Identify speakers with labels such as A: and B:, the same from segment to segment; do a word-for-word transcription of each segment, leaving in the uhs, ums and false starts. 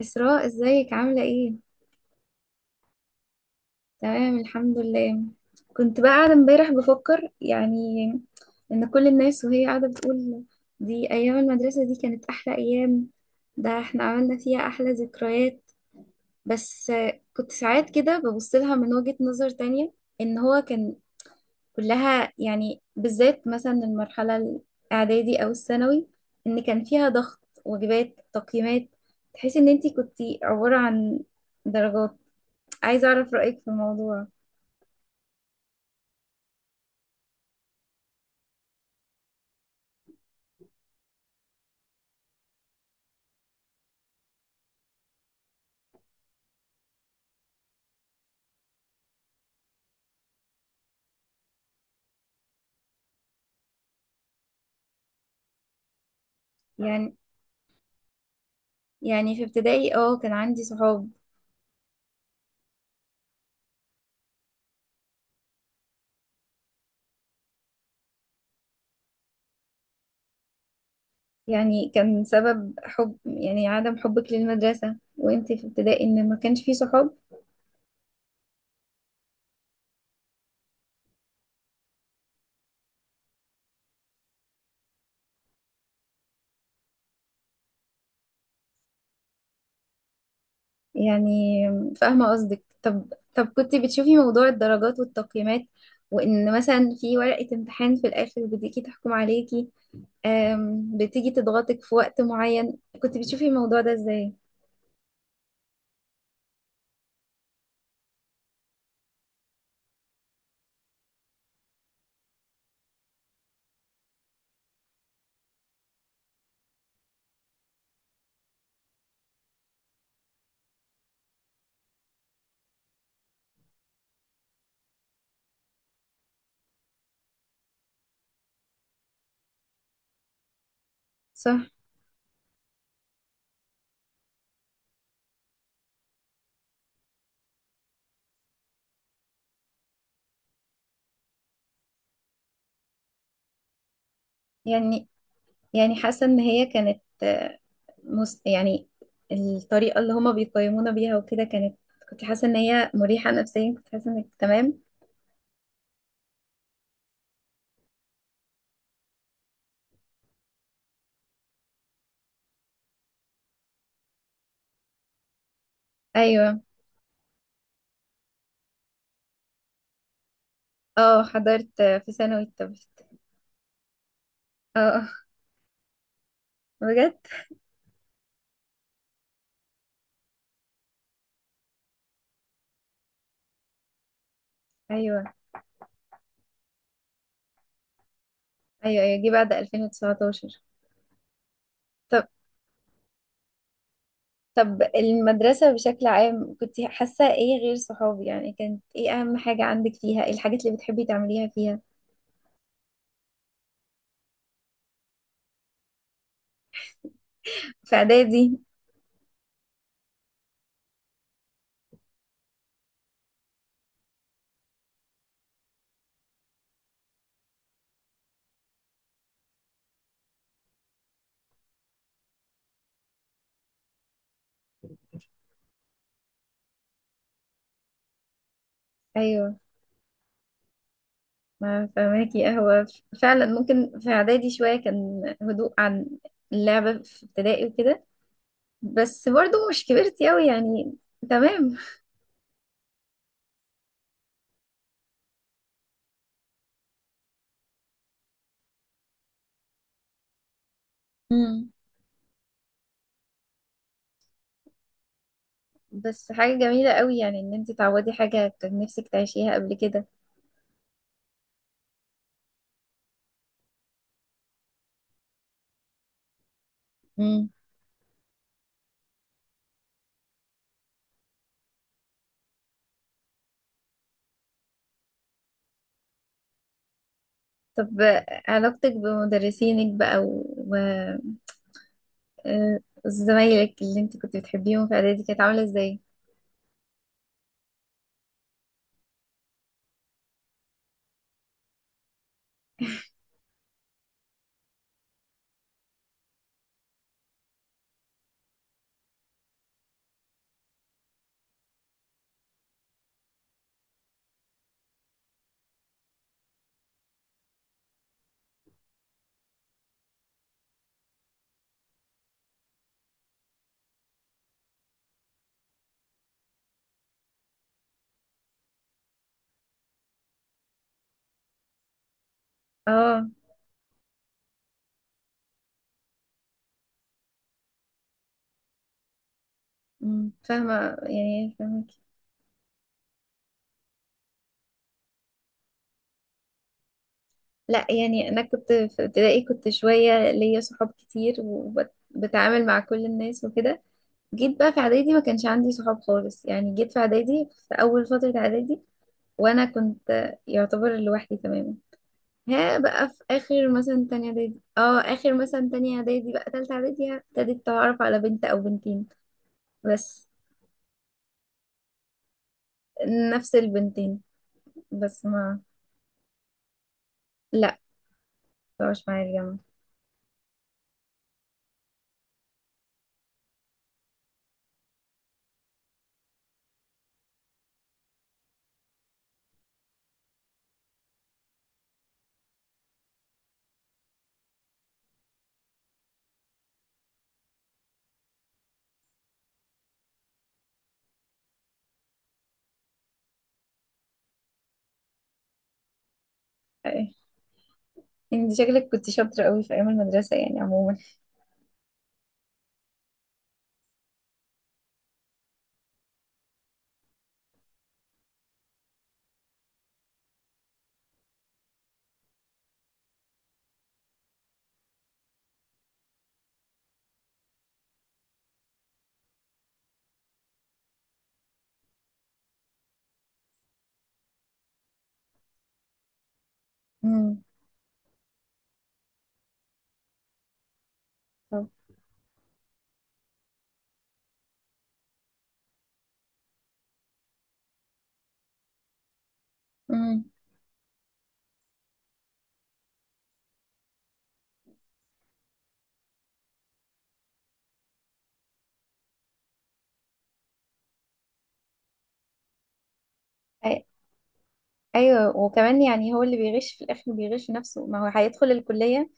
A: إسراء، ازيك عاملة ايه؟ تمام، الحمد لله. كنت بقى قاعدة امبارح بفكر يعني ان كل الناس وهي قاعدة بتقول دي ايام المدرسة، دي كانت احلى ايام، ده احنا عملنا فيها احلى ذكريات. بس آه، كنت ساعات كده ببص لها من وجهة نظر تانية، ان هو كان كلها يعني بالذات مثلا المرحلة الاعدادي او الثانوي، ان كان فيها ضغط، واجبات، تقييمات، تحس ان انتي كنتي عبارة عن درجات. عايزة أعرف رأيك في الموضوع. يعني يعني في ابتدائي اه كان عندي صحاب. يعني كان سبب حب يعني عدم حبك للمدرسة وانتي في ابتدائي ان ما كانش فيه صحاب؟ يعني فاهمة قصدك. طب طب كنت بتشوفي موضوع الدرجات والتقييمات، وان مثلا في ورقة امتحان في الآخر بتيجي تحكم عليكي، أم، بتيجي تضغطك في وقت معين، كنت بتشوفي الموضوع ده ازاي؟ صح. يعني يعني حاسة ان هي كانت آه، مس... يعني الطريقة اللي هما بيقيمونا بيها وكده كانت، كنت حاسة ان هي مريحة نفسيا، كنت حاسة انك تمام. ايوه. اه، حضرت آه، في ثانوي التابلت. اه، بجد. ايوه، ايوه، ايوه، جه بعد ألفين وتسعتاشر. طب طب المدرسة بشكل عام كنت حاسة ايه غير صحابي؟ يعني كانت ايه اهم حاجة عندك فيها؟ ايه الحاجات اللي بتحبي تعمليها فيها؟ في اعدادي؟ ايوه. ما فهماكي قهوة. فعلا ممكن في إعدادي شوية كان هدوء عن اللعبة في ابتدائي وكده، بس برضو مش كبرت أوي يعني. تمام. امم. بس حاجة جميلة أوي، يعني إن أنت تعوضي حاجة كان نفسك تعيشيها قبل كده. مم. طب علاقتك بمدرسينك بقى و و... آه، زمايلك اللي أنت كنت بتحبيهم في إعدادي كانت عاملة إزاي؟ اه. مم، فاهمة يعني فاهمة. لا، يعني انا كنت في ابتدائي كنت شويه ليا صحاب كتير وبتعامل مع كل الناس وكده. جيت بقى في اعدادي ما كانش عندي صحاب خالص، يعني جيت في اعدادي في اول فتره اعدادي وانا كنت يعتبر لوحدي تماما. ها بقى في اخر مثلا تانية اعدادي، اه، اخر مثلا تانية اعدادي بقى تالتة اعدادي ابتديت اتعرف على بنت او بنتين. بس نفس البنتين. بس ما... لا، مش معايا الجامعه. أي. انت شكلك كنت شاطره قوي في ايام المدرسه يعني عموما. امم. امم. أي- ايوه، وكمان يعني هو اللي بيغش في الاخر بيغش نفسه، ما هو هيدخل الكليه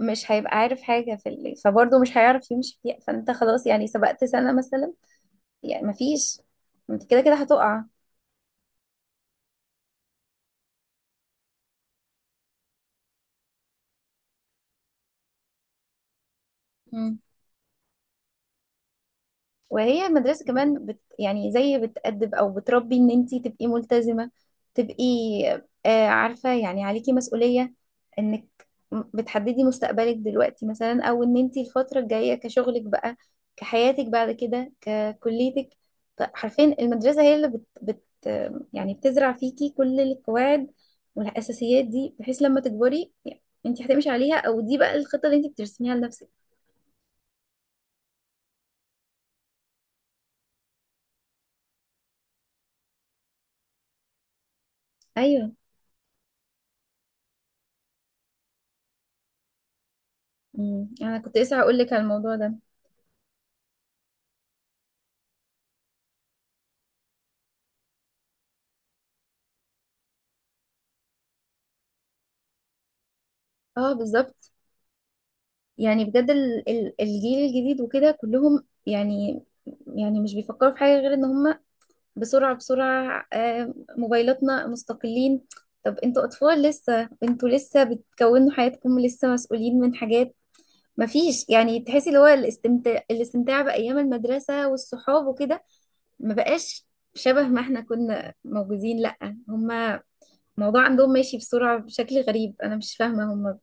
A: مش هيبقى عارف حاجه في اللي، فبرضه مش هيعرف يمشي فيها، فانت خلاص يعني سبقت سنه مثلا، يعني ما فيش، انت كده كده هتقع. وهي المدرسة كمان بت يعني زي بتأدب أو بتربي إن أنتي تبقي ملتزمة، تبقي آه عارفة يعني عليكي مسؤولية، إنك م- بتحددي مستقبلك دلوقتي مثلا، أو إن أنتي الفترة الجاية كشغلك بقى، كحياتك بعد كده، ككليتك. ط- حرفيا المدرسة هي اللي بت, بت آه، يعني بتزرع فيكي كل القواعد والأساسيات، دي بحيث لما تكبري يعني أنتي هتمشي عليها، أو دي بقى الخطة اللي أنتي بترسميها لنفسك. أيوه. أمم، أنا كنت لسه هقول لك على الموضوع ده. اه، بالظبط. يعني بجد ال- ال- الجيل الجديد وكده كلهم، يعني يعني مش بيفكروا في حاجة غير ان هم بسرعة بسرعة، آه، موبايلاتنا، مستقلين. طب انتوا اطفال لسه، انتوا لسه بتكونوا حياتكم، لسه مسؤولين من حاجات مفيش، يعني تحسي اللي هو الاستمتاع الاستمتاع بأيام المدرسة والصحاب وكده ما بقاش شبه ما احنا كنا موجودين. لأ، هم الموضوع عندهم ماشي بسرعة بشكل غريب، انا مش فاهمة هم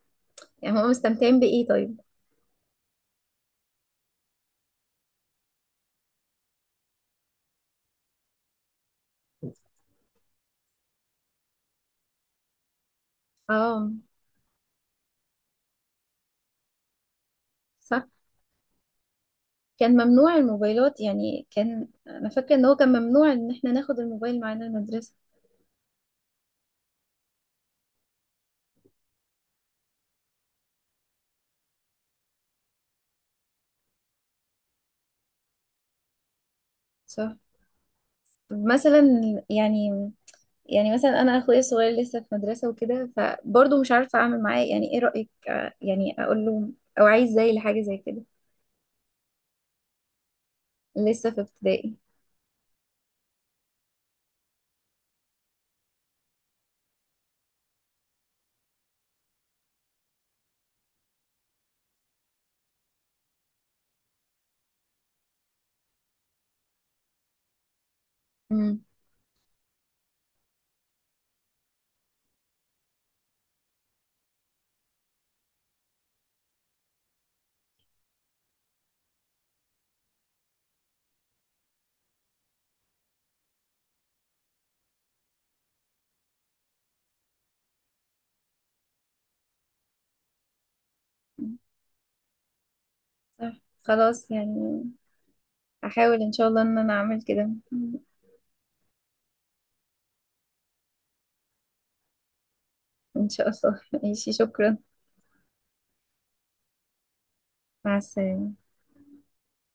A: يعني هم مستمتعين بإيه طيب؟ اه، صح. كان ممنوع الموبايلات، يعني كان، انا فاكره ان هو كان ممنوع ان احنا ناخد الموبايل معانا المدرسه. صح. مثلا، يعني يعني مثلا انا اخويا الصغير لسه في مدرسه وكده، فبرضه مش عارفه اعمل معاه، يعني ايه رايك؟ آه، يعني اقول له او عايز زي لحاجه زي كده. لسه في ابتدائي. امم. صح، خلاص يعني احاول ان شاء الله ان انا اعمل كده. مم. ان شاء الله. ماشي، شكرا. مع السلامه.